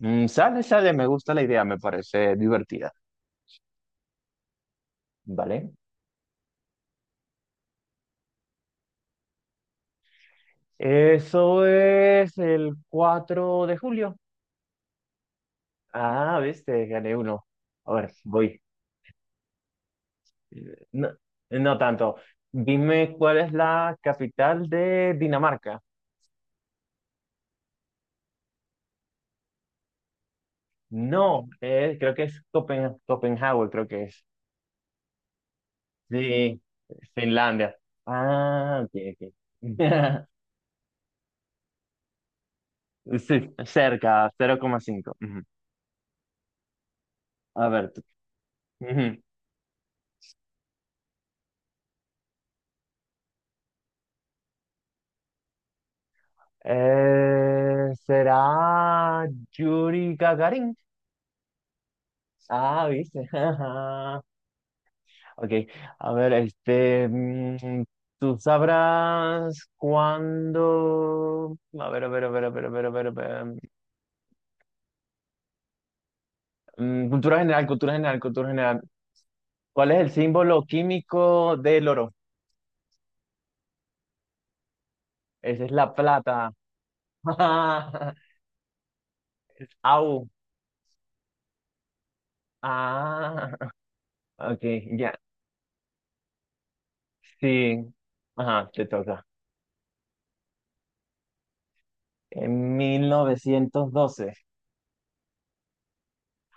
Sale, sale, me gusta la idea, me parece divertida, ¿vale? Eso es el 4 de julio. Ah, viste, gané uno. A ver, voy. No, no tanto. Dime cuál es la capital de Dinamarca. No, creo que es Copenhague, creo que es. Sí, Finlandia. Ah, ok, ok. Sí, cerca, 0,5. Ujú. A ver, tú. Ujú. ¿Será Yuri Gagarin? Ah, viste. Ok, a ver, este, tú sabrás cuándo. A ver, a ver, a ver, a ver, a ver, a ver, a ver. Cultura general, cultura general, cultura general. ¿Cuál es el símbolo químico del oro? Esa es la plata. Au. Ah, ok, ya. Sí. Ajá, te toca. En 1912.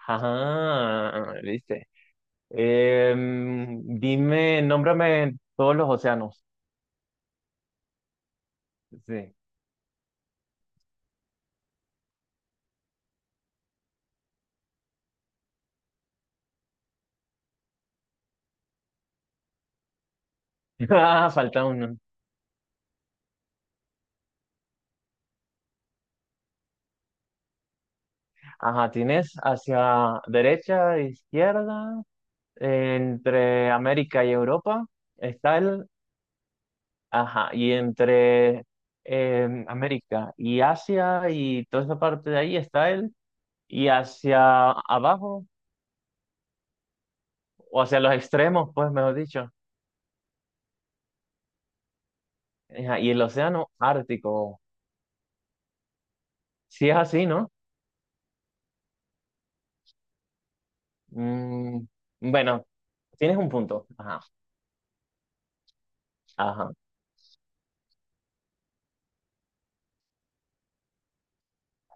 Ajá, ¿viste? Dime, nómbrame todos los océanos. Sí. Ah, falta uno. Ajá, tienes hacia derecha, izquierda, entre América y Europa está el, ajá, y entre América y Asia y toda esa parte de ahí está el, y hacia abajo, o hacia los extremos, pues, mejor dicho. Ajá, y el océano Ártico, si es así, ¿no? Mm, bueno, tienes un punto. Ajá, ajá.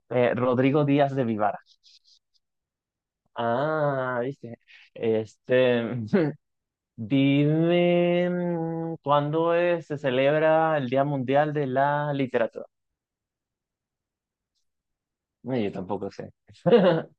Rodrigo Díaz de Vivar. Ah, viste. Este, dime, cuándo se celebra el Día Mundial de la Literatura. Yo tampoco sé.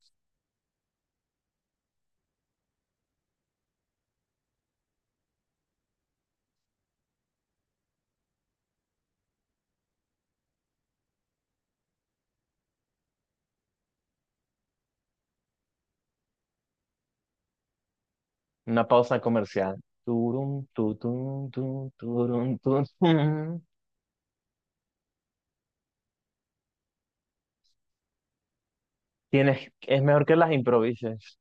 Una pausa comercial. Turum, tutum, tum, tu, turum, tutum. Tienes, es mejor que las improvises.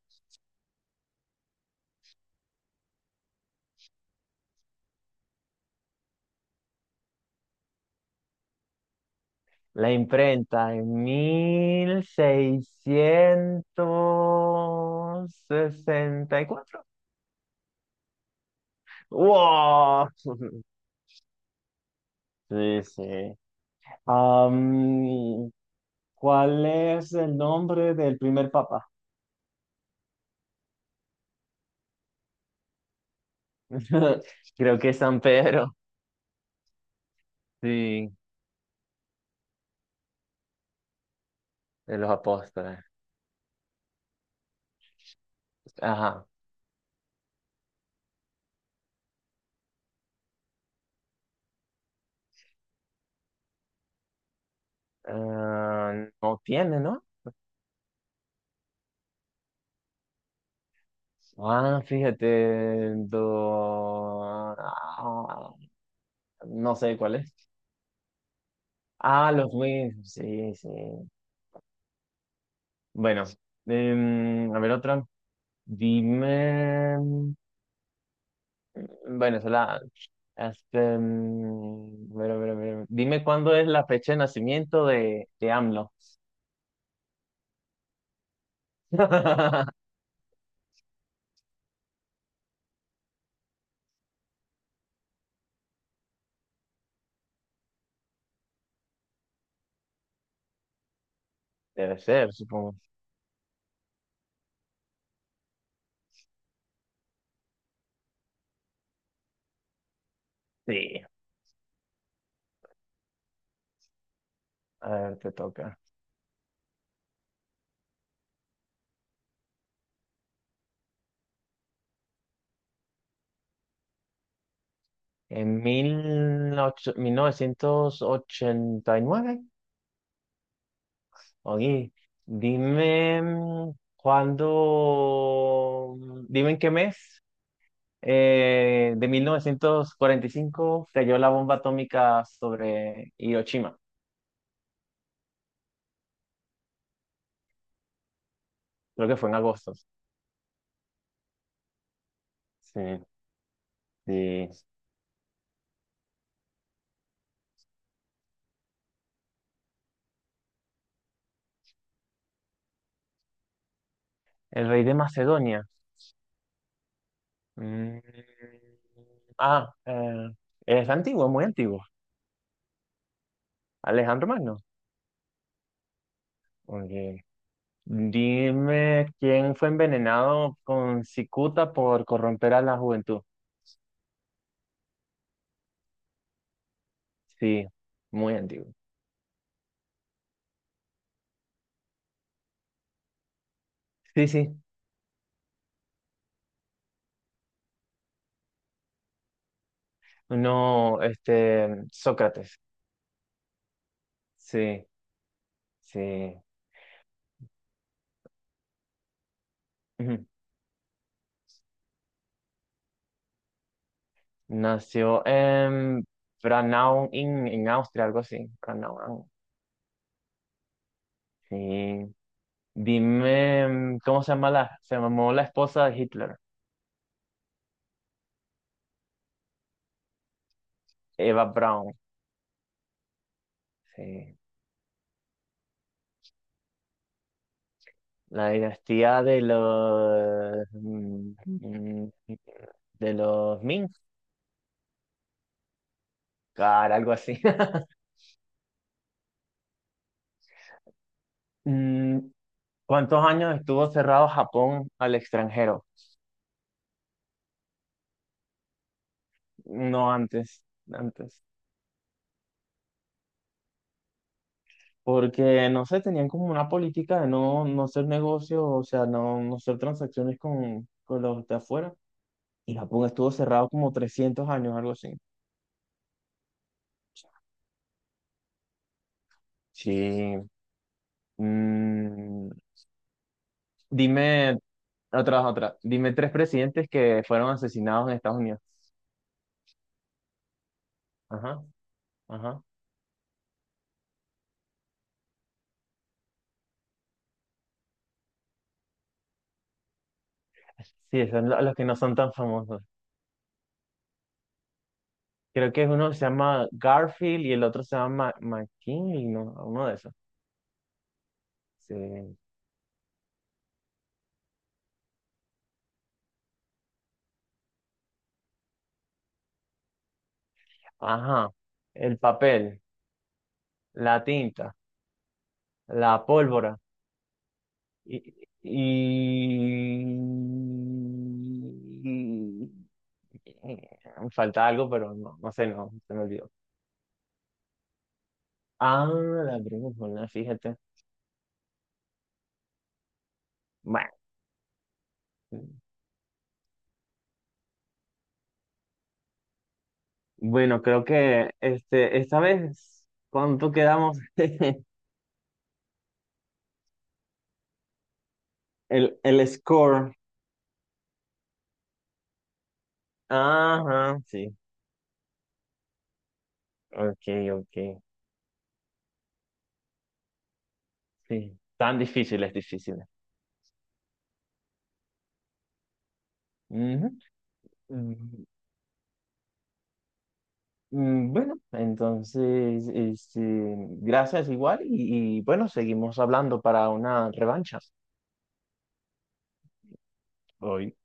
La imprenta en 1664. ¡Wow! Sí, sí. Am, ¿Cuál es el nombre del primer papa? Creo que es San Pedro. Sí, de los apóstoles. Ajá. Ah, no tiene, ¿no? Ah, fíjate. No sé cuál es. Ah, los mismos. Sí, sí. Bueno, a ver otra. Dime. Bueno, esa la. Este, a ver, a ver, a ver. Dime cuándo es la fecha de nacimiento de AMLO. Debe ser, supongo. Sí. A ver, te toca. En 1989. Oye, dime, cuándo. Dime en qué mes, de 1945 cayó la bomba atómica sobre Hiroshima. Creo que fue en agosto. Sí, sí. El rey de Macedonia. Mm. Ah, es antiguo, muy antiguo. Alejandro Magno. Ok. Dime quién fue envenenado con cicuta por corromper a la juventud. Sí, muy antiguo. Sí, sí. No, este, Sócrates. Sí, sí. Nació en Braunau, en Austria, algo así. Braunau, sí. Dime, ¿cómo se llamó la esposa de Hitler? Eva Braun. Sí. La dinastía de los, de los Ming, algo así. Mm, ¿Cuántos años estuvo cerrado Japón al extranjero? No antes, antes. Porque no sé, tenían como una política de no, no hacer negocios, o sea, no, no hacer transacciones con los de afuera. Y Japón estuvo cerrado como 300 años, algo así. Sí. Mm, Dime, otra, otra. Dime tres presidentes que fueron asesinados en Estados Unidos. Ajá, ajá. Sí, son los que no son tan famosos. Creo que es uno que se llama Garfield y el otro se llama McKinley, ¿no? Uno de esos. Sí. Ajá. El papel, la tinta, la pólvora. Y, y- Me falta algo, pero no, no sé, no, se me olvidó. Ah, la brújula, fíjate. Bueno, bueno, creo que este, esta vez, ¿cuánto quedamos? El score. Ajá, sí. Ok, ok. Sí. Tan difíciles, difíciles. Ujú. Bueno, entonces, este, gracias igual y bueno, seguimos hablando para una revancha. Hoy.